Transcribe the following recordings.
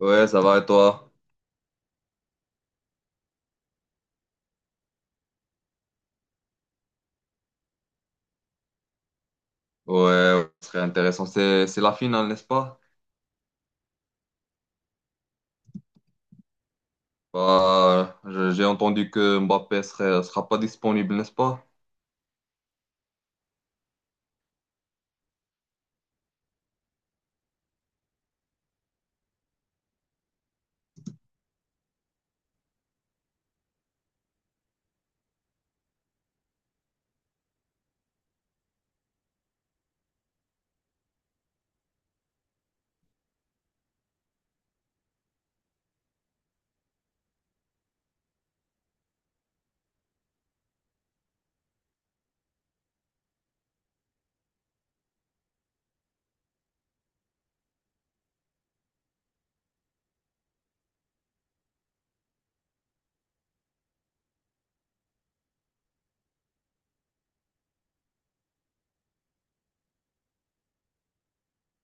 Ouais, ça va et toi? Ouais, ouais, ce serait intéressant. C'est la finale, n'est-ce pas? Bah, j'ai entendu que Mbappé serait, sera pas disponible, n'est-ce pas?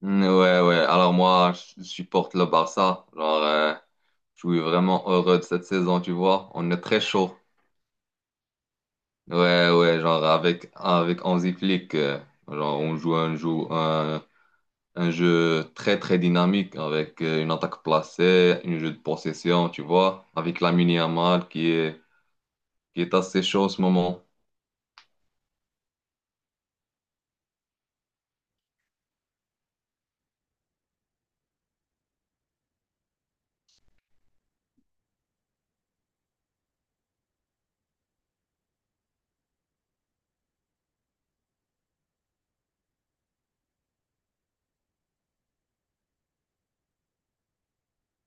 Mm. Ouais, ouais. Alors moi, je supporte le Barça. Genre, je suis vraiment heureux de cette saison, tu vois. On est très chaud. Ouais, ouais, genre avec, avec Hansi Flick, genre on joue un jeu très très dynamique avec une attaque placée, un jeu de possession, tu vois, avec Lamine Yamal qui est assez chaud en ce moment.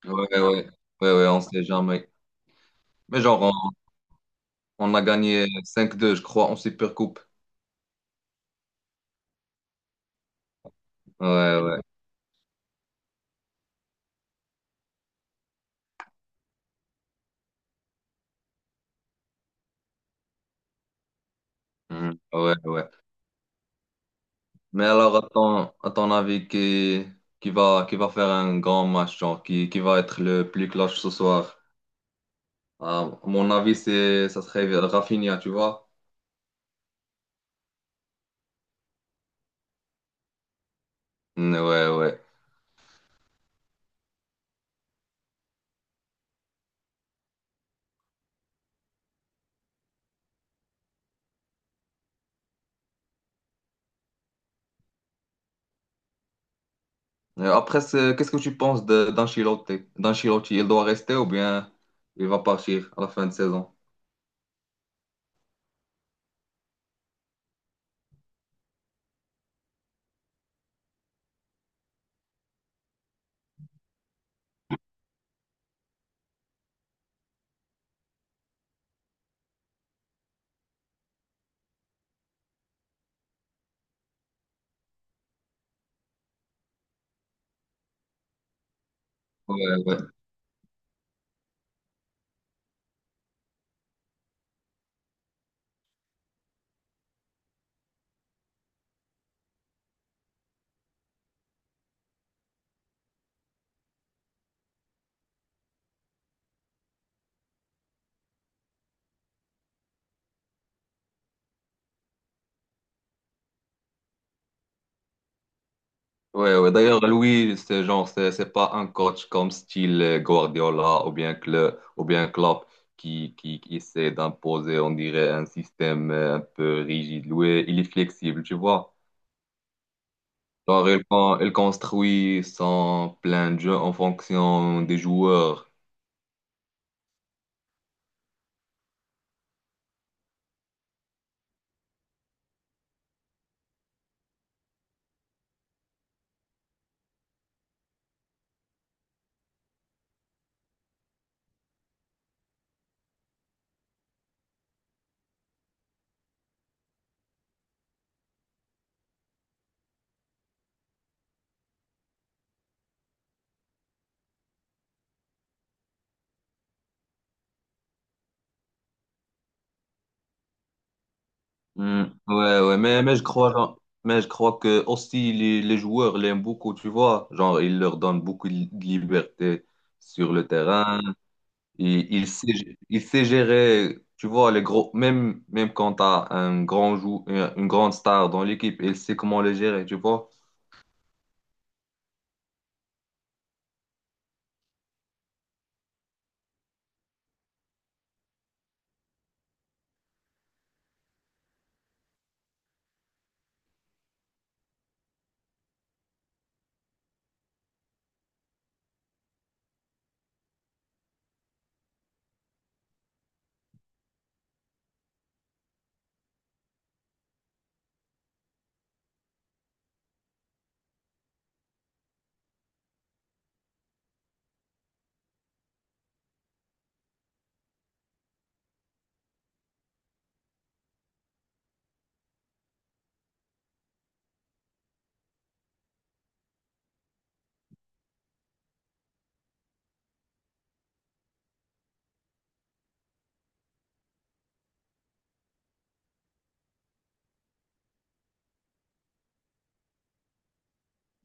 Ouais, ouais, ouais, on sait jamais. Mais genre, on a gagné 5-2, je crois, en Supercoupe. Ouais, ouais. Mhm. Ouais, ouais. Mais alors, à ton avis, qui va faire un grand match, genre, qui va être le plus clutch ce soir? Ah, à mon avis, c'est, ça serait Rafinha, tu vois? Mm. Ouais, ouais. Après, qu'est-ce que tu penses d'Ancelotti? D'Ancelotti, il doit rester ou bien il va partir à la fin de saison? Ouais, ouais. Ouais, ouais. D'ailleurs, lui, c'est genre, c'est pas un coach comme style Guardiola ou bien Klopp, qui essaie d'imposer, on dirait, un système un peu rigide. Lui, il est flexible, tu vois. Genre, il construit son plein de jeux en fonction des joueurs. Hmm. Ouais, ouais, mais je crois, mais je crois que aussi les joueurs l'aiment beaucoup, tu vois. Genre, il leur donne beaucoup de liberté sur le terrain. Il, il sait, il sait gérer, tu vois, les gros, même quand tu as un grand une grande star dans l'équipe, il sait comment les gérer, tu vois.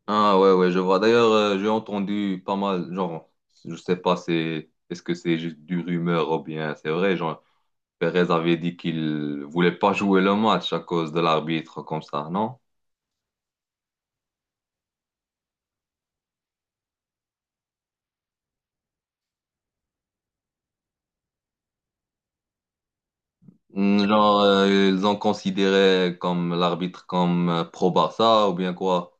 Ah ouais, ouais, je vois. D'ailleurs, j'ai entendu pas mal, genre, je sais pas, c'est, est-ce que c'est juste du rumeur ou bien c'est vrai, genre, Perez avait dit qu'il voulait pas jouer le match à cause de l'arbitre comme ça, non? Hmm. Genre, ils ont considéré comme l'arbitre comme pro-Barça ou bien quoi?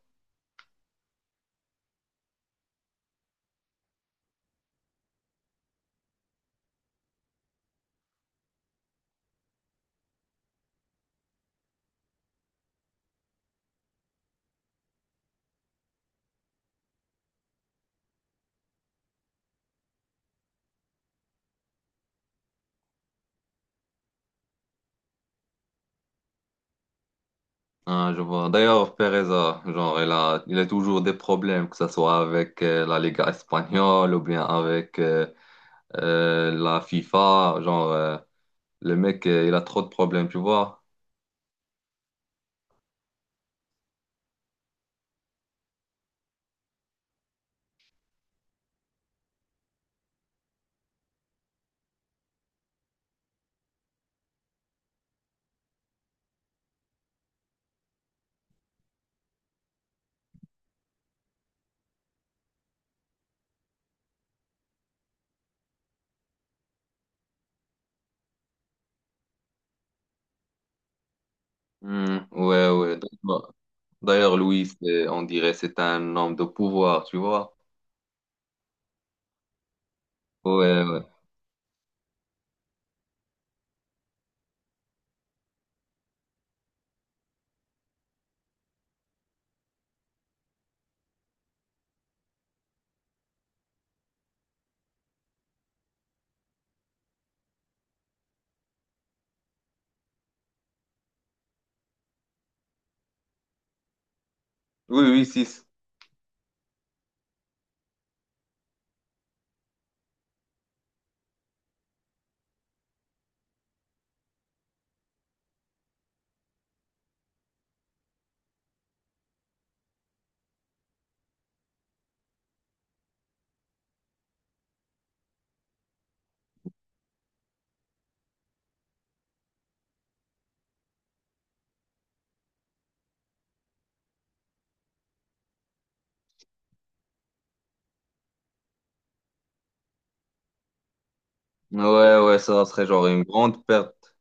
Ah, je vois. D'ailleurs, Pereza, genre, il a toujours des problèmes, que ce soit avec la Liga espagnole ou bien avec la FIFA. Genre, le mec, il a trop de problèmes, tu vois. Hmm, ouais, ouais. Donc, bah, d'ailleurs, Louis, on dirait c'est un homme de pouvoir, tu vois. Ouais, ouais. Oui, oui, six. Ouais, ouais, ça serait genre une grande perte.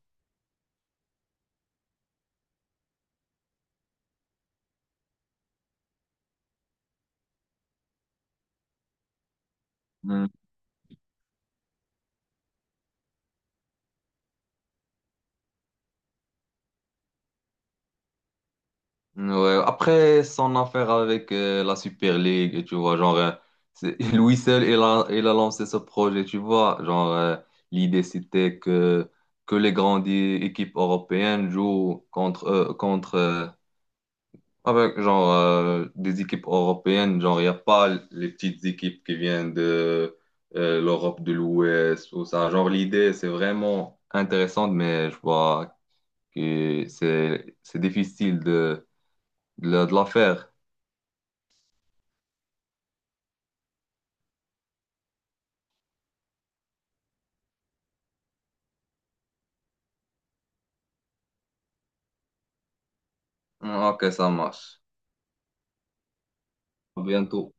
Ouais, après son affaire avec la Super League, tu vois, genre, c'est- lui seul, il a lancé ce projet, tu vois. Genre, l'idée, c'était que les grandes équipes européennes jouent contre, avec, genre, des équipes européennes. Genre, il n'y a pas les petites équipes qui viennent de l'Europe de l'Ouest ou ça. Genre, l'idée, c'est vraiment intéressante, mais je vois que c'est difficile de, de la faire. Mm. Ok, ça marche. À bientôt.